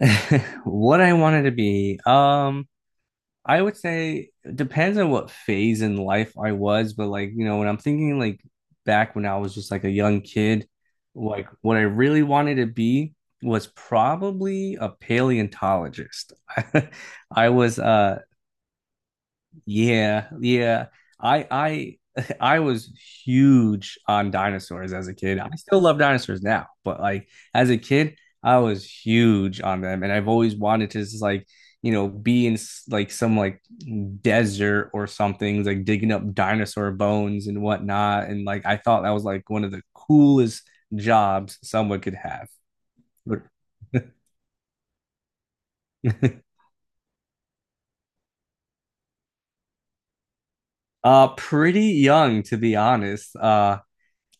What I wanted to be, I would say it depends on what phase in life I was, but like, you know, when I'm thinking like back when I was just like a young kid, like what I really wanted to be was probably a paleontologist. I was Yeah, yeah. I I was huge on dinosaurs as a kid. I still love dinosaurs now, but like as a kid, I was huge on them, and I've always wanted to just like be in like some like desert or something, like digging up dinosaur bones and whatnot. And like I thought that was like one of the coolest jobs someone could have. Pretty young, to be honest.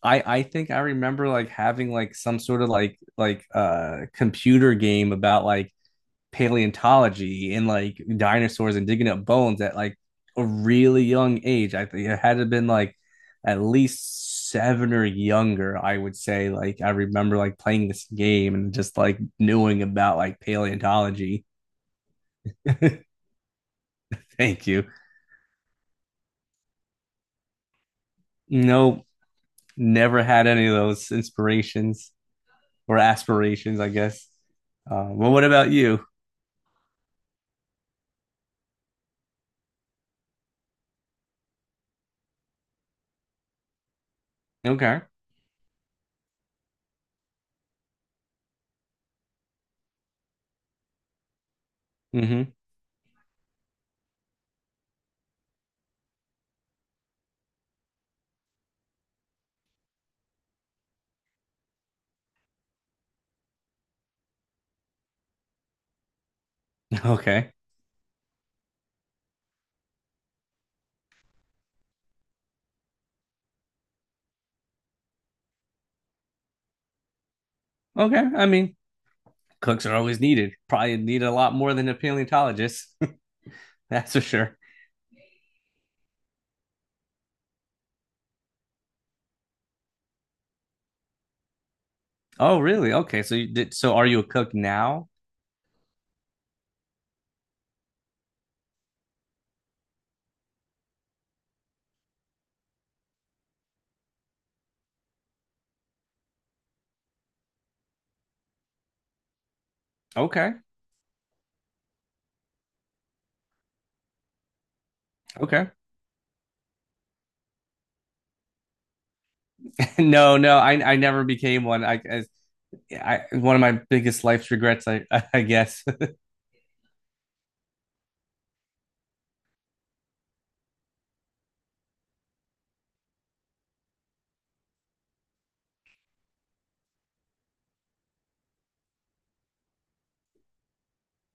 I think I remember like having like some sort of like computer game about like paleontology and like dinosaurs and digging up bones at like a really young age. I think it had to have been like at least seven or younger, I would say. Like I remember like playing this game and just like knowing about like paleontology. Thank you. No, never had any of those inspirations or aspirations, I guess. Well, what about you? Okay. Hmm. Okay. Okay. I mean, cooks are always needed. Probably need a lot more than a paleontologist. That's for sure. Oh, really? Okay. So are you a cook now? Okay. Okay. No, no, I never became one. I one of my biggest life's regrets, I I guess.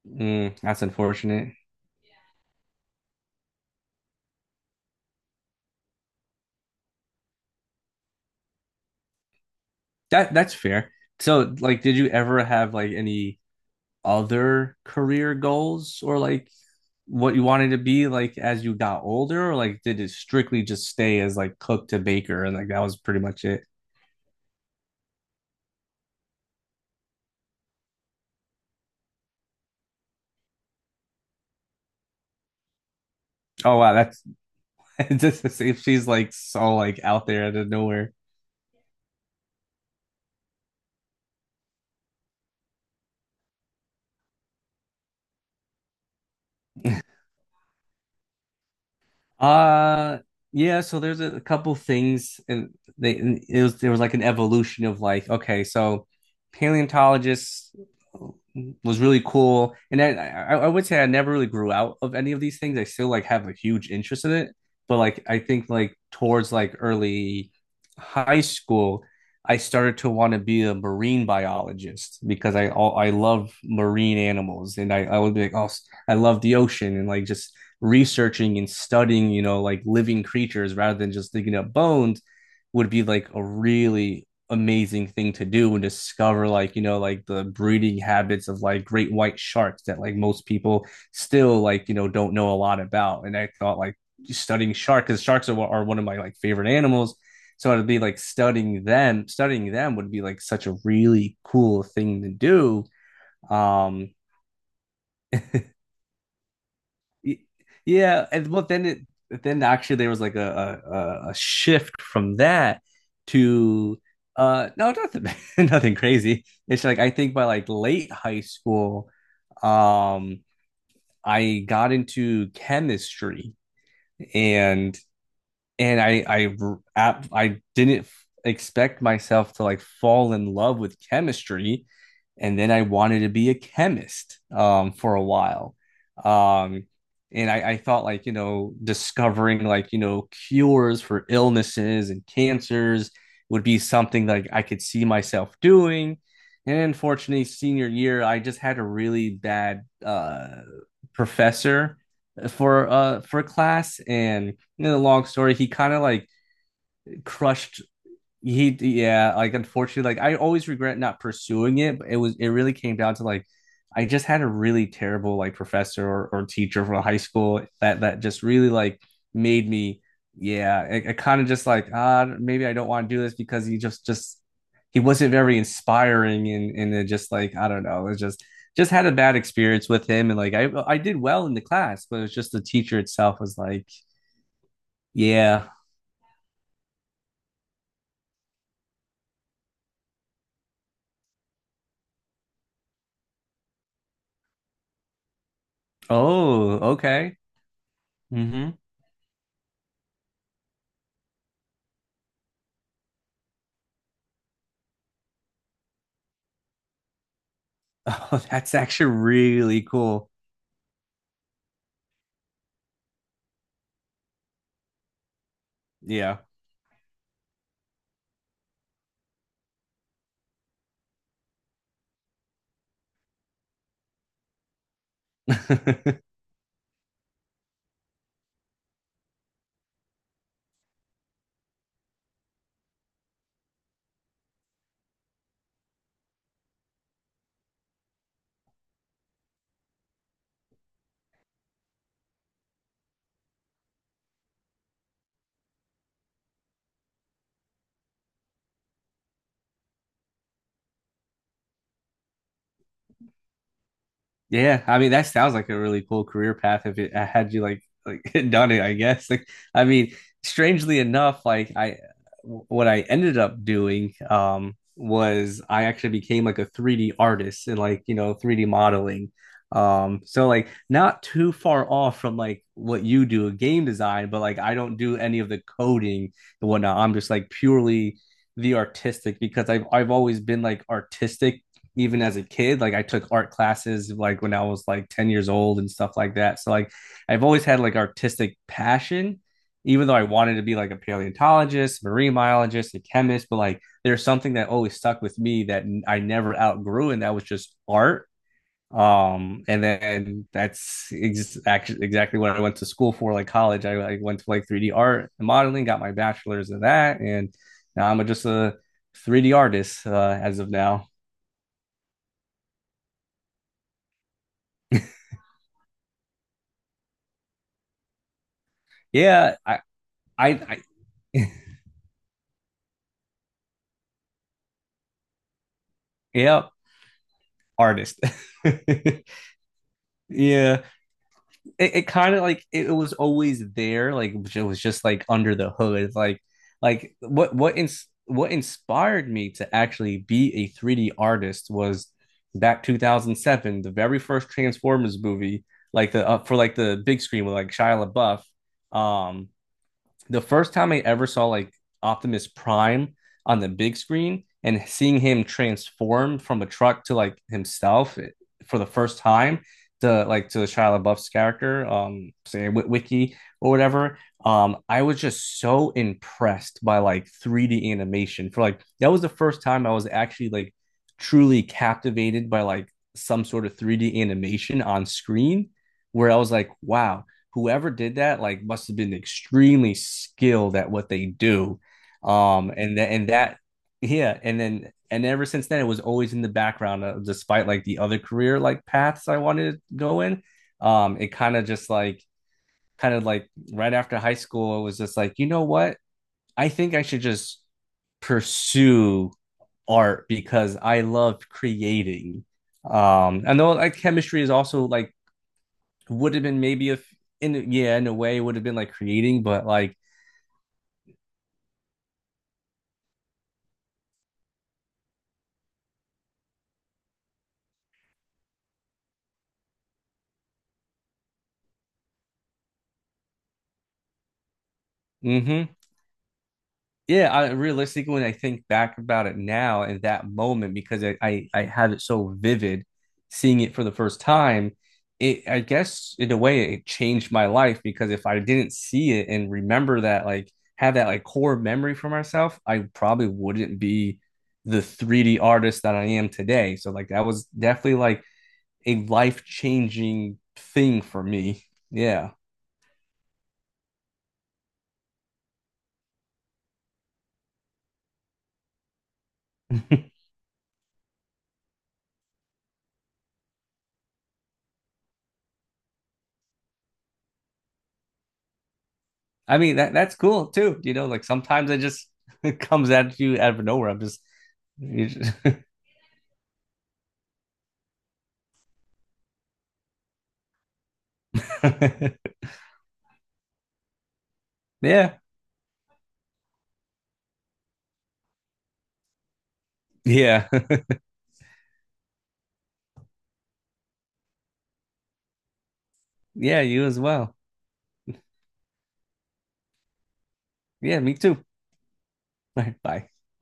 That's unfortunate. That's fair. So, like, did you ever have like any other career goals, or like what you wanted to be like as you got older, or like did it strictly just stay as like cook to baker and like that was pretty much it? Oh, wow, that's just, if she's like so like out there, out of nowhere. Uh yeah, so there's a couple things, and they and it was there was like an evolution of like, okay, so paleontologists, uh, was really cool, and then I would say I never really grew out of any of these things. I still like have a huge interest in it, but like I think like towards like early high school I started to want to be a marine biologist because I love marine animals, and I would be like, oh, I love the ocean, and like just researching and studying, like living creatures rather than just digging up bones would be like a really amazing thing to do and discover like, like the breeding habits of like great white sharks that like most people still like, don't know a lot about. And I thought like studying shark because sharks are one of my like favorite animals. So it'd be like studying them would be like such a really cool thing to do. Um, Y- Yeah, and well, then actually there was like a shift from that to, no, nothing, nothing crazy. It's like I think by like late high school, um, I got into chemistry, and and I didn't expect myself to like fall in love with chemistry, and then I wanted to be a chemist for a while, um, and I thought like discovering like cures for illnesses and cancers would be something like I could see myself doing. And unfortunately, senior year, I just had a really bad professor for class, and in a long story, he kind of like crushed. He Yeah, like unfortunately, like I always regret not pursuing it, but it really came down to like I just had a really terrible like professor or teacher from high school that just really like made me, yeah, I kind of just like, maybe I don't want to do this, because he just he wasn't very inspiring, and it just like, I don't know, it just had a bad experience with him, and like I did well in the class, but it was just the teacher itself was like, yeah. Oh, okay. Hmm. Oh, that's actually really cool. Yeah. Yeah, I mean, that sounds like a really cool career path if it had you like done it, I guess. Like, I mean, strangely enough, like I what I ended up doing was I actually became like a 3D artist and like, 3D modeling. So like, not too far off from like what you do, game design, but like I don't do any of the coding and whatnot. I'm just like purely the artistic, because I've always been like artistic, even as a kid. Like, I took art classes like when I was like 10 years old and stuff like that. So like, I've always had like artistic passion, even though I wanted to be like a paleontologist, marine biologist, a chemist, but like there's something that always stuck with me that I never outgrew, and that was just art. And then that's actually exactly what I went to school for. Like college, I went to like 3D art and modeling, got my bachelor's in that, and now I'm just a 3D artist, as of now. Yeah, I yeah, artist. Yeah, it kind of like, it was always there, like it was just like under the hood, like what inspired me to actually be a 3D artist was back 2007, the very first Transformers movie, like the for like the big screen with like Shia LaBeouf. Um, the first time I ever saw like Optimus Prime on the big screen and seeing him transform from a truck to like himself, for the first time, to Shia LaBeouf's character, say Wiki or whatever. I was just so impressed by like 3D animation, for like that was the first time I was actually like truly captivated by like some sort of 3D animation on screen, where I was like, wow, whoever did that like must have been extremely skilled at what they do. And that, yeah, and ever since then it was always in the background, despite like the other career like paths I wanted to go in. It kind of just like Kind of like right after high school, it was just like, you know what? I think I should just pursue art, because I love creating. I know like chemistry is also like would have been, maybe, if, in yeah, in a way it would have been like creating, but like, mm-hmm, yeah, I realistically, when I think back about it now in that moment, because I have it so vivid, seeing it for the first time, it, I guess, in a way, it changed my life, because if I didn't see it and remember that, like have that like core memory for myself, I probably wouldn't be the 3D artist that I am today. So like that was definitely like a life changing thing for me, yeah. I mean, that's cool too. You know, like sometimes it just it comes at you out of nowhere. I'm just, you just yeah, yeah, yeah. You as well. Yeah, me too. All right, bye.